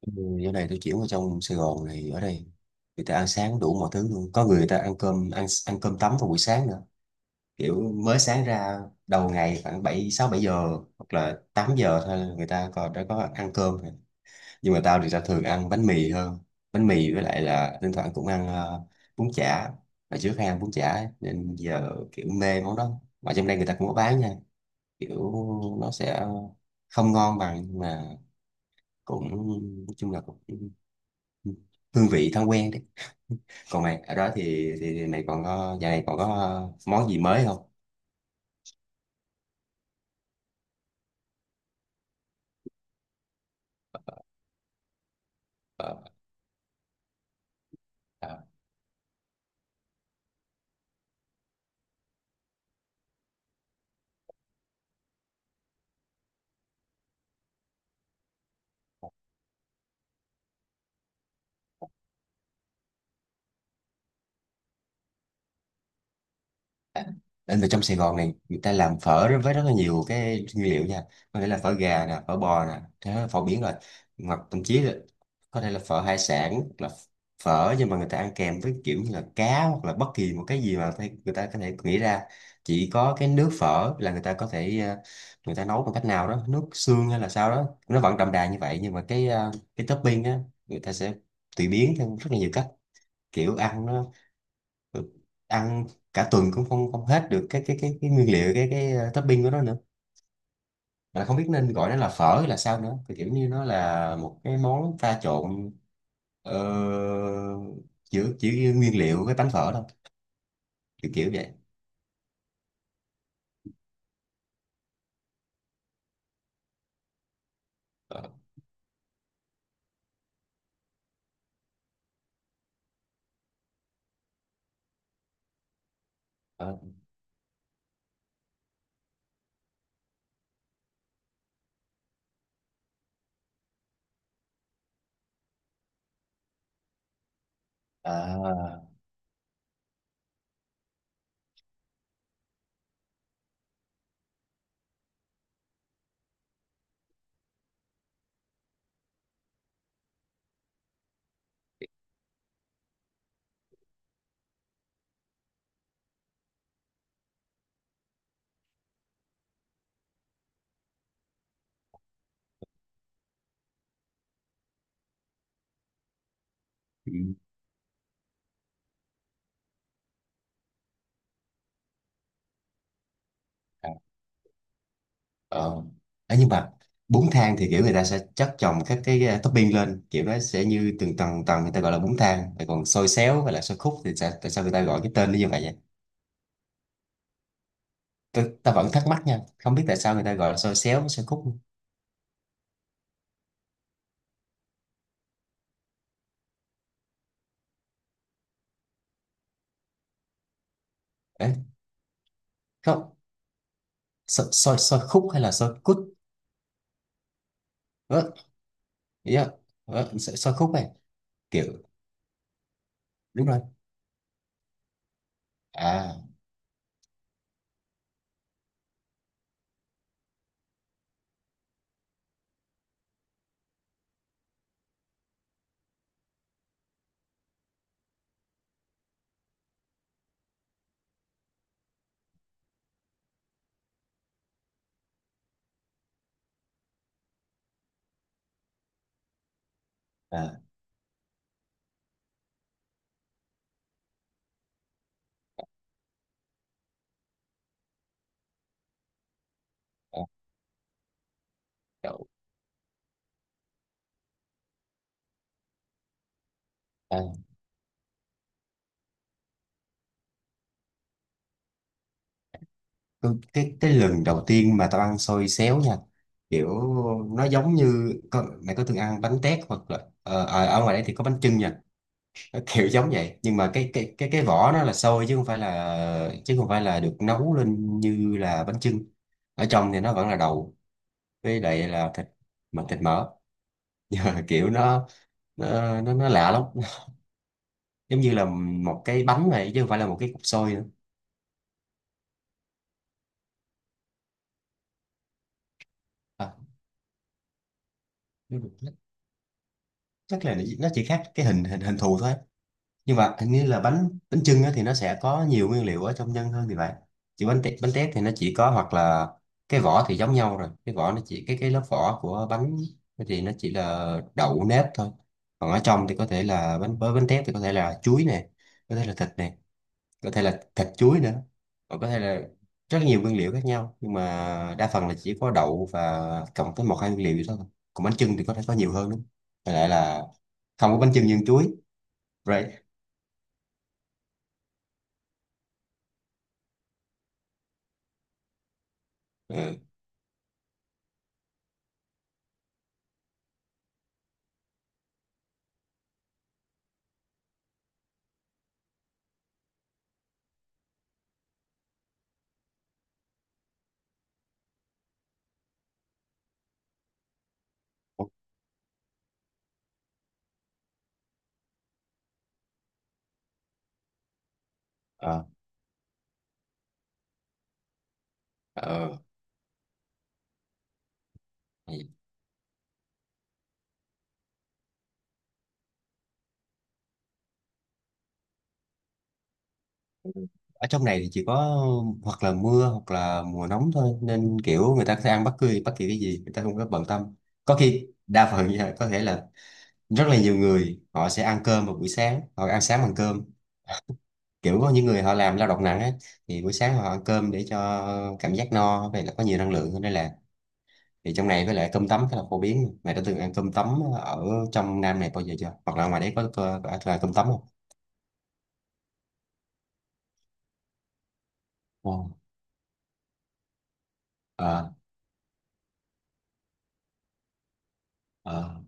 Ừ. Giờ này tôi chuyển vào trong Sài Gòn này ở đây người ta ăn sáng đủ mọi thứ luôn, có người, người ta ăn cơm, ăn ăn cơm tấm vào buổi sáng nữa, kiểu mới sáng ra, đầu ngày khoảng bảy, sáu bảy giờ hoặc là 8 giờ thôi là người ta còn đã có ăn cơm rồi. Nhưng mà tao thì tao thường ăn bánh mì hơn, bánh mì, với lại là thỉnh thoảng cũng ăn bún chả. Hồi trước hay ăn bún chả ấy, nên giờ kiểu mê món đó, mà trong đây người ta cũng có bán nha, kiểu nó sẽ không ngon bằng, nhưng mà cũng, nói chung là cũng hương vị thói quen đấy. Còn mày ở đó thì thì mày còn có giờ này còn có món gì mới không? Ờ. À. Anh về trong Sài Gòn này người ta làm phở với rất là nhiều cái nguyên liệu nha, có thể là phở gà nè, phở bò nè, thế là phở biển rồi, hoặc thậm chí là có thể là phở hải sản, hoặc là phở nhưng mà người ta ăn kèm với kiểu như là cá, hoặc là bất kỳ một cái gì mà người ta có thể nghĩ ra. Chỉ có cái nước phở là người ta có thể người ta nấu bằng cách nào đó nước xương hay là sao đó, nó vẫn đậm đà như vậy, nhưng mà cái cái topping á, người ta sẽ tùy biến theo rất là nhiều cách, kiểu ăn nó, ăn cả tuần cũng không không hết được cái nguyên liệu, cái topping của nó nữa, mà không biết nên gọi nó là phở hay là sao nữa, thì kiểu như nó là một cái món pha trộn ờ, giữa chỉ nguyên liệu với bánh phở thôi, kiểu kiểu vậy. Ờ, ờ, à, ừ, à, ờ. Ấy nhưng mà bún thang thì kiểu người ta sẽ chất chồng các cái topping lên, kiểu nó sẽ như từng tầng tầng, người ta gọi là bún thang. Rồi còn xôi xéo hay là xôi khúc thì sao, tại sao người ta gọi cái tên nó như vậy vậy? Ta vẫn thắc mắc nha, không biết tại sao người ta gọi là xôi xéo với xôi khúc. Đấy, không, xôi khúc hay là xôi cút? ờ, yeah. Xôi khúc này, kiểu, đúng rồi. À. À, à, đậu- à. Cái lần đầu tiên mà tao ăn xôi xéo nha, kiểu nó giống như, có, mày có từng ăn bánh tét, hoặc là à, ở ngoài đây thì có bánh chưng nha. Nó kiểu giống vậy nhưng mà cái vỏ nó là xôi, chứ không phải là được nấu lên như là bánh chưng. Ở trong thì nó vẫn là đậu, với lại là thịt, mà thịt mỡ, kiểu nó nó lạ lắm, giống như là một cái bánh này chứ không phải là một cái cục xôi nữa. À, chắc là nó chỉ khác cái hình hình hình thù thôi, nhưng mà hình như là bánh bánh chưng á, thì nó sẽ có nhiều nguyên liệu ở trong nhân hơn thì vậy. Chỉ bánh tét thì nó chỉ có, hoặc là cái vỏ thì giống nhau rồi, cái vỏ nó chỉ, cái lớp vỏ của bánh thì nó chỉ là đậu nếp thôi, còn ở trong thì có thể là bánh, với bánh tét thì có thể là chuối nè, có thể là thịt nè, có thể là thịt chuối nữa, còn có thể là rất nhiều nguyên liệu khác nhau, nhưng mà đa phần là chỉ có đậu và cộng tới một hai nguyên liệu vậy thôi. Còn bánh chưng thì có thể có nhiều hơn nữa. Với lại là không có bánh chưng nhân chuối, right. Ừ. Ờ. Ờ. Ở trong này thì chỉ có hoặc là mưa hoặc là mùa nóng thôi, nên kiểu người ta sẽ ăn bất cứ bất kỳ cái gì, người ta không có bận tâm. Có khi đa phần nha, có thể là rất là nhiều người họ sẽ ăn cơm vào buổi sáng, họ ăn sáng bằng cơm, kiểu có những người họ làm lao động nặng ấy, thì buổi sáng họ ăn cơm để cho cảm giác no, vậy là có nhiều năng lượng hơn đây là. Thì trong này với lại cơm tấm khá là phổ biến, mày đã từng ăn cơm tấm ở trong Nam này bao giờ chưa, hoặc là ngoài đấy có ăn cơm tấm không? Ồ. Ờ, ờ,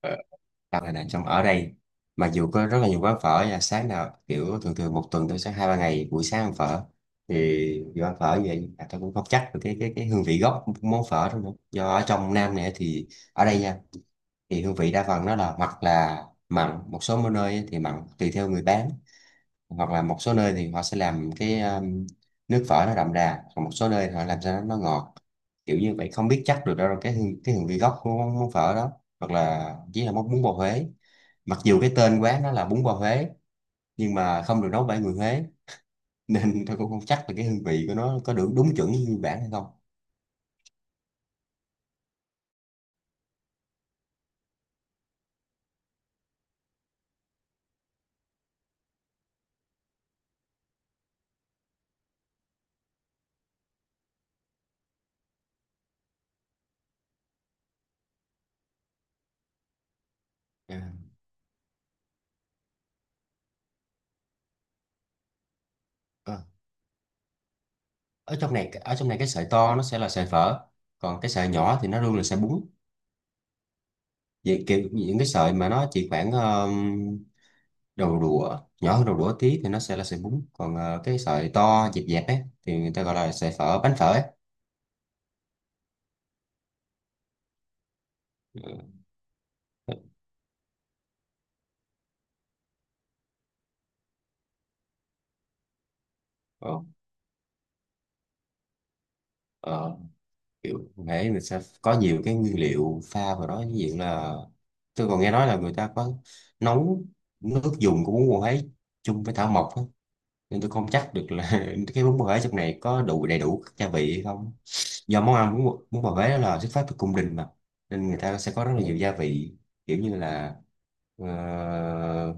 ờ. Hoặc là này, trong ở đây mặc dù có rất là nhiều quán phở, là sáng nào kiểu thường thường một tuần tôi sẽ hai ba ngày buổi sáng ăn phở. Thì do ăn phở như vậy à, tôi cũng không chắc được cái cái hương vị gốc món phở đó nữa, do ở trong Nam này thì ở đây nha, thì hương vị đa phần nó là hoặc là mặn, một số nơi ấy thì mặn tùy theo người bán, hoặc là một số nơi thì họ sẽ làm cái nước phở nó đậm đà, còn một số nơi họ làm sao nó ngọt, kiểu như vậy không biết chắc được đâu cái hương, cái hương vị gốc của món phở đó. Hoặc là chỉ là món bún bò Huế, mặc dù cái tên quán nó là bún bò Huế nhưng mà không được nấu bởi người Huế, nên tôi cũng không chắc là cái hương vị của nó có được đúng chuẩn như nguyên bản hay không. À. Ờ. Ở trong này cái sợi to nó sẽ là sợi phở, còn cái sợi nhỏ thì nó luôn là sợi bún. Vậy kiểu những cái sợi mà nó chỉ khoảng đầu đũa, nhỏ hơn đầu đũa tí thì nó sẽ là sợi bún, còn cái sợi to dẹp dẹp ấy thì người ta gọi là sợi phở, bánh phở ấy. Ừ. ờ, ờ, Kiểu thế mình sẽ có nhiều cái nguyên liệu pha vào đó, ví dụ là tôi còn nghe nói là người ta có nấu nước dùng của bún bò ấy chung với thảo mộc á. Nên tôi không chắc được là cái bún bò Huế trong này có đủ đầy đủ các gia vị hay không, do món ăn bún bò Huế đó là xuất phát từ cung đình mà, nên người ta sẽ có rất là nhiều gia vị, kiểu như là ờ,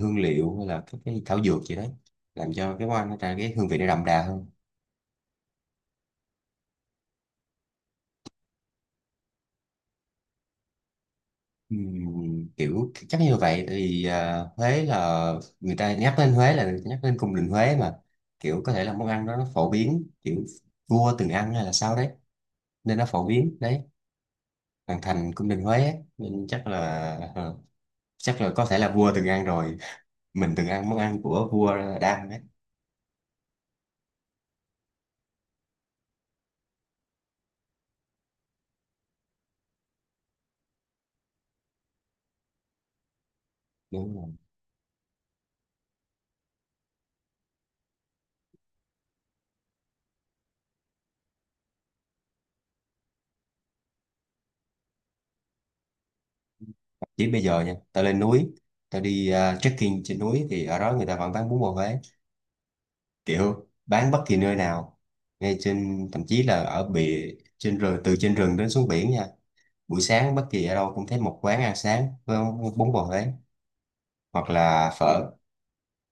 hương liệu hay là các cái thảo dược gì đấy, làm cho cái món ăn nó ra cái hương vị nó đậm đà hơn. Kiểu chắc như vậy thì Huế là người ta nhắc đến Huế là nhắc đến cung đình Huế mà, kiểu có thể là món ăn đó nó phổ biến, kiểu vua từng ăn hay là sao đấy nên nó phổ biến đấy, hoàng thành cung đình Huế á, nên chắc là có thể là vua từng ăn rồi, mình từng ăn món ăn của vua Đam ấy. Đúng rồi. Chỉ bây giờ nha tao lên núi, tao đi trekking trên núi thì ở đó người ta vẫn bán bún bò Huế, kiểu bán bất kỳ nơi nào, ngay trên thậm chí là ở bìa trên rừng, từ trên rừng đến xuống biển nha, buổi sáng bất kỳ ở đâu cũng thấy một quán ăn sáng với bún bò Huế hoặc là phở,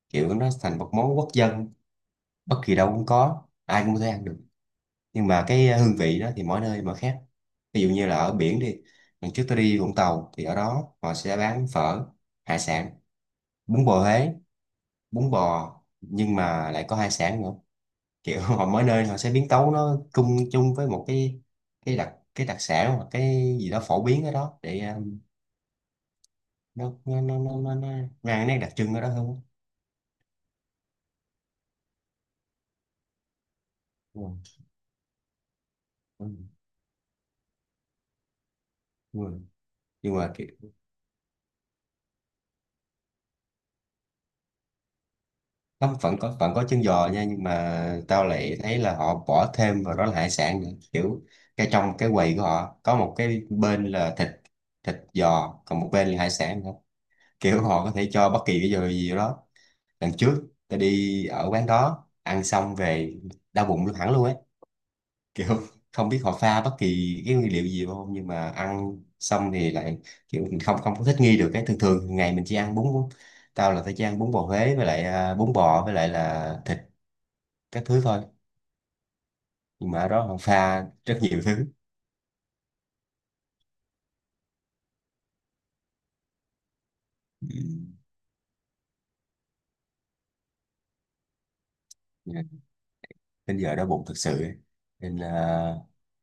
kiểu nó thành một món quốc dân, bất kỳ đâu cũng có, ai cũng có thể ăn được, nhưng mà cái hương vị đó thì mỗi nơi mỗi khác. Ví dụ như là ở biển đi, lần trước tôi đi Vũng Tàu thì ở đó họ sẽ bán phở hải sản, bún bò Huế, bún bò nhưng mà lại có hải sản nữa, kiểu họ mỗi nơi họ sẽ biến tấu nó chung chung với một cái đặc, cái đặc sản hoặc cái gì đó phổ biến ở đó để nó nó mang cái nét đặc trưng ở đó hơn. Ừ. Ừ. Nhưng mà có, vẫn có, vẫn có chân giò nha, nhưng mà tao lại thấy là họ bỏ thêm vào đó là hải sản nữa, kiểu cái trong cái quầy của họ có một cái bên là thịt, thịt giò, còn một bên là hải sản nữa, kiểu họ có thể cho bất kỳ cái giò gì vào đó. Lần trước tao đi ở quán đó ăn xong về đau bụng luôn, hẳn luôn ấy, kiểu không biết họ pha bất kỳ cái nguyên liệu gì vào không, nhưng mà ăn xong thì lại kiểu mình không không có thích nghi được cái, thường thường ngày mình chỉ ăn bún. Tao là tao chỉ ăn bún bò Huế với lại à, bún bò với lại là thịt các thứ thôi, nhưng mà ở đó họ pha rất nhiều thứ. Ừ. Đến giờ đói bụng thật sự ấy. Nên là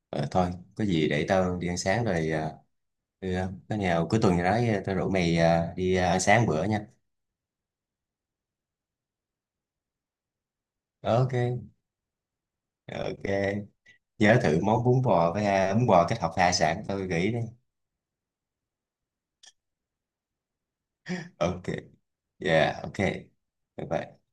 ờ, thôi có gì để tao đi ăn sáng rồi. Ờ. Ừ, có nào cuối tuần gì đó tao rủ mày đi ăn sáng bữa nha. OK. OK. Nhớ thử món bún bò với bún bò kết hợp hải sản tao gợi ý đi. OK. Yeah, OK. Bye bye.